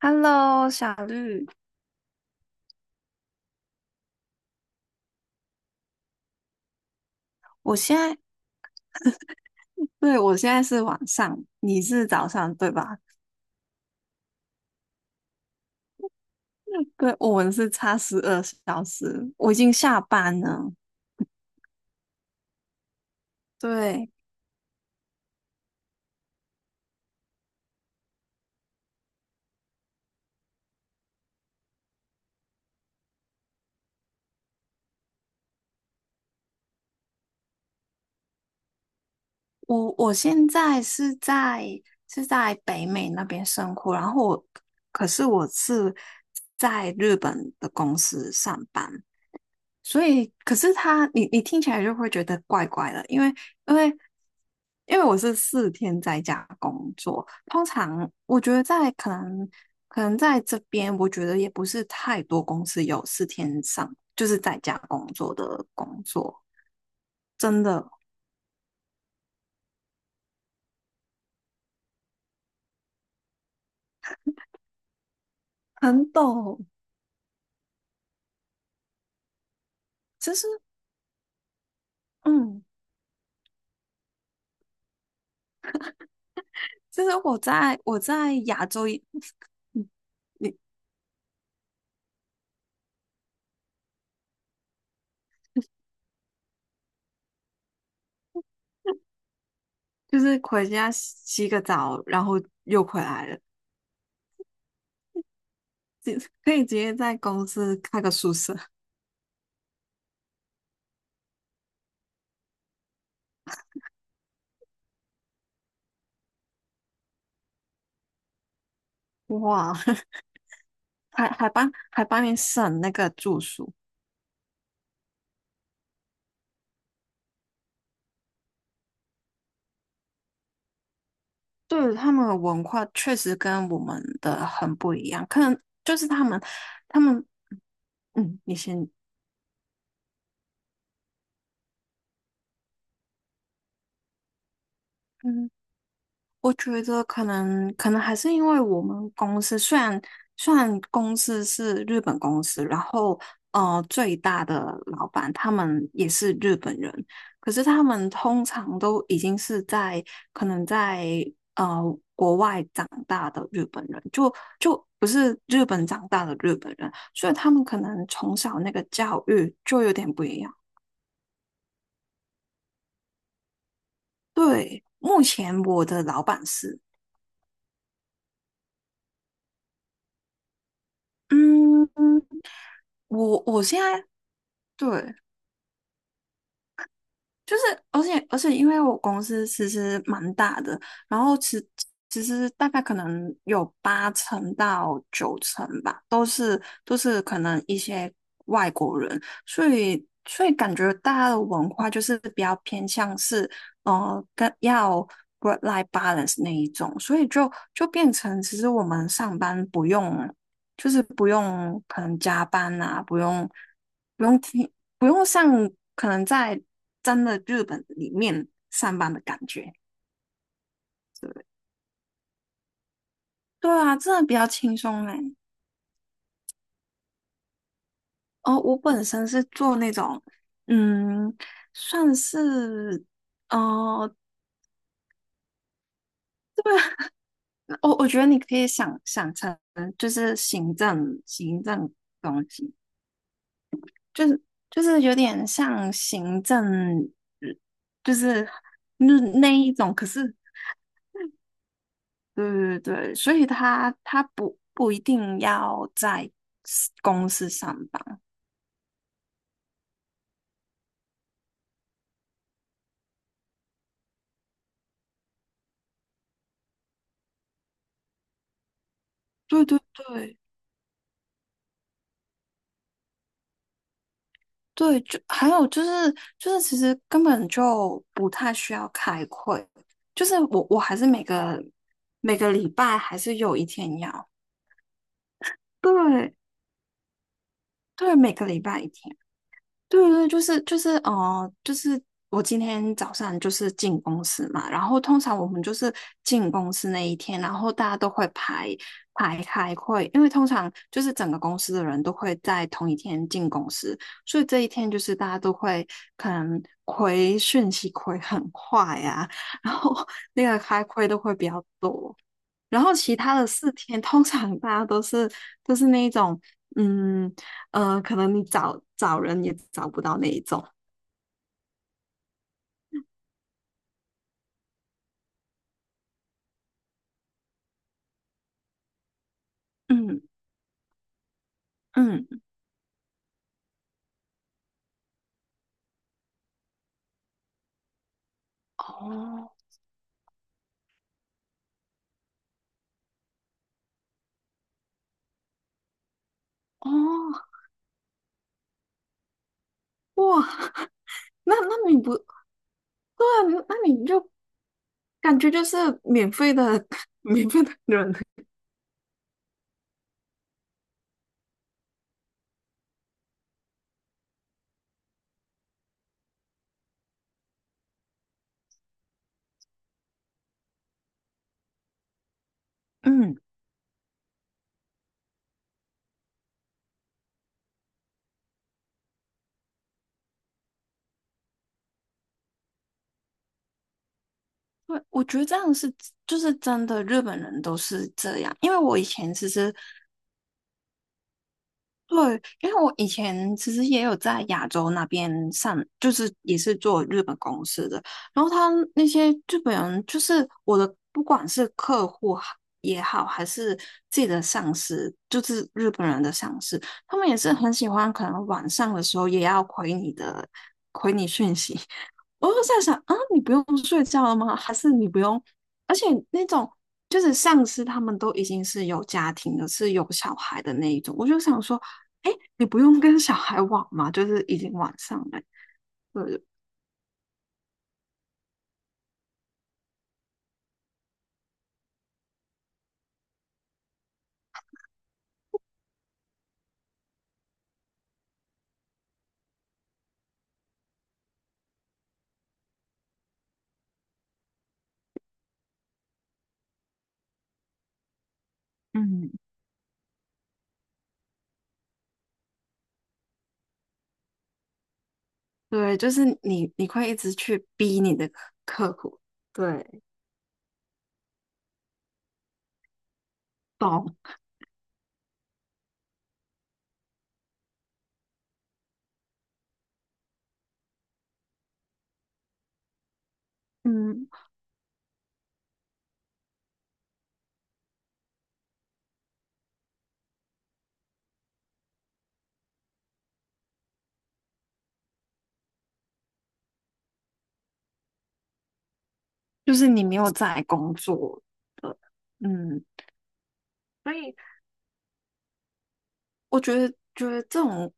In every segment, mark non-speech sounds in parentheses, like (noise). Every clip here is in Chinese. Hello，小绿，我现在，对，我现在是晚上，你是早上，对吧？(laughs) 对，我们是差12小时，我已经下班了。对，我现在是在北美那边生活，然后我，可是我是在日本的公司上班，所以，可是他，你听起来就会觉得怪怪的，因为因为我是四天在家工作，通常我觉得可能在这边，我觉得也不是太多公司有四天上就是在家工作的工作，真的很懂。就是嗯，就是我在亚洲一，嗯你就是回家洗洗个澡，然后又回来了，可以直接在公司开个宿舍，哇！(laughs) 还帮你省那个住宿，对他们的文化确实跟我们的很不一样，可能就是他们嗯，你先。嗯。我觉得可能还是因为我们公司虽然公司是日本公司，然后最大的老板他们也是日本人，可是他们通常都已经是在可能在呃国外长大的日本人，就不是日本长大的日本人，所以他们可能从小那个教育就有点不一样。对，目前我的老板是。嗯，我现在对就是，而且，因为我公司其实蛮大的，然后其实大概可能有八成到九成吧，都是可能一些外国人，所以感觉大家的文化就是比较偏向是，跟要 work-life balance 那一种，所以就变成其实我们上班不用，就是不用可能加班啊，不用听。不用像可能在真的日本里面上班的感觉。对啊，真的比较轻松嘞。哦，我本身是做那种，嗯，算是，呃，我觉得你可以想成就是行政东西，就是就是有点像行政，就是那一种，可是对对对，所以他不一定要在 公司上班。对对对对，就还有就是其实根本就不太需要开会，就是我还是每个礼拜还是有一天要，对对，每个礼拜一天。对对，就是我今天早上就是进公司嘛，然后通常我们就是进公司那一天，然后大家都会排开会，因为通常就是整个公司的人都会在同一天进公司，所以这一天就是大家都会可能回讯息回很快啊，(laughs) 然后那个开会都会比较多。然后其他的四天 (laughs)，通常大家都是那一种，嗯可能你找找人也找不到那一种，嗯嗯，哦哦哇，(laughs) 那你不对啊那你就感觉就是免费的 (laughs) 免费的人，嗯，对，我觉得这样就是真的，日本人都是这样，因为我以前其实对，因为我以前其实也有在亚洲那边上，就是也是做日本公司的，然后他那些日本人，就是我的，不管是客户哈也好，还是自己的上司，就是日本人的上司，他们也是很喜欢，可能晚上的时候也要回你的我就在想啊，你不用睡觉了吗？还是你不用？而且那种就是上司他们都已经是有家庭的，是有小孩的那一种，我就想说，哎，你不用跟小孩玩嘛，就是已经晚上了，对嗯，对，就是你会一直去逼你的客户，对，懂，嗯，就是你没有在工作的，嗯，所以我觉得这种。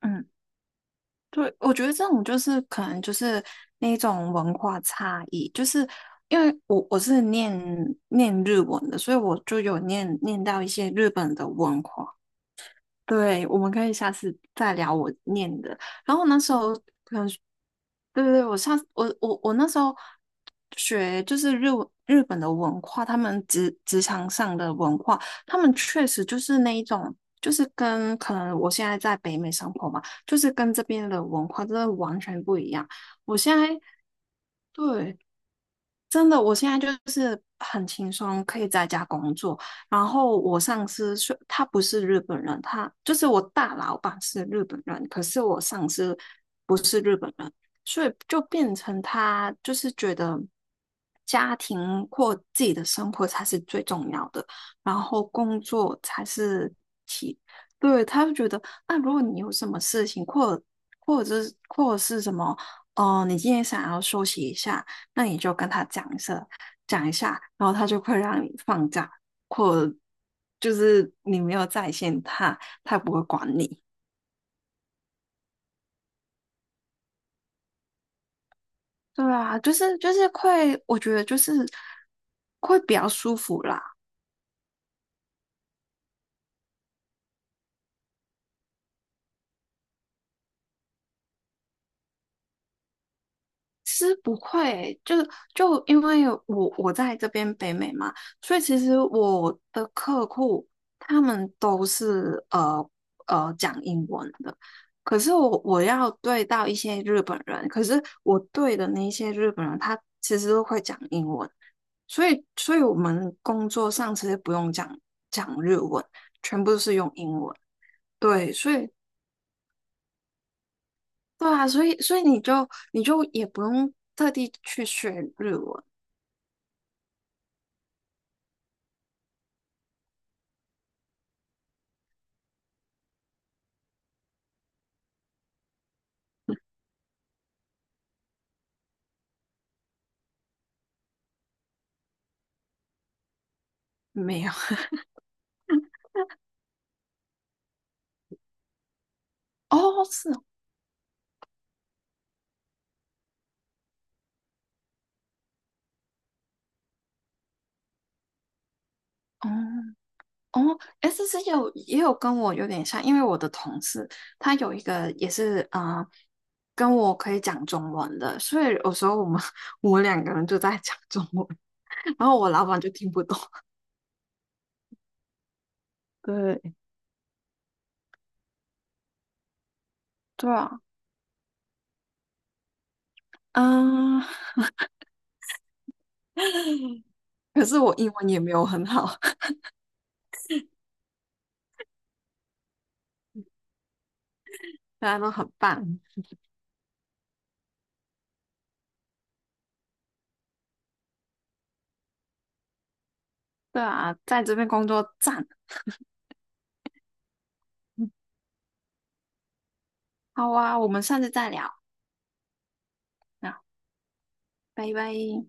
嗯。对，我觉得这种就是可能就是那种文化差异，就是因为我是念日文的，所以我就有念到一些日本的文化。对，我们可以下次再聊我念的。然后那时候对对对，我上我我我那时候学就是日文日本的文化，他们职场上的文化，他们确实就是那一种，就是跟可能我现在在北美生活嘛，就是跟这边的文化真的完全不一样。我现在对，真的，我现在就是很轻松，可以在家工作。然后我上司是，他不是日本人，他就是我大老板是日本人，可是我上司所以就变成他就是觉得家庭或自己的生活才是最重要的，然后工作才是其，对，他就觉得啊，如果你有什么事情，或者是什么，哦、你今天想要休息一下，那你就跟他讲一声，讲一下，然后他就会让你放假，或就是你没有在线他，他也不会管你。对啊，就是会，我觉得就是会比较舒服啦。其实不会欸，就因为我在这边北美嘛，所以其实我的客户他们都是讲英文的，可是我要对到一些日本人，可是我对的那些日本人，他其实都会讲英文，所以我们工作上其实不用讲日文，全部都是用英文。对，所以对啊，所以你就也不用特地去学日文，没有 (laughs) 哦，是哦，哦，s C 也有跟我有点像，因为我的同事他有一个也是啊、跟我可以讲中文的，所以有时候我们 (laughs) 我们两个人就在讲中文，(laughs) 然后我老板就听不懂。(laughs) 对，对啊，嗯，(laughs) 可是我英文也没有很好，(laughs) 大家都很棒。对啊，在这边工作赞。好啊，我们下次再聊。那拜拜。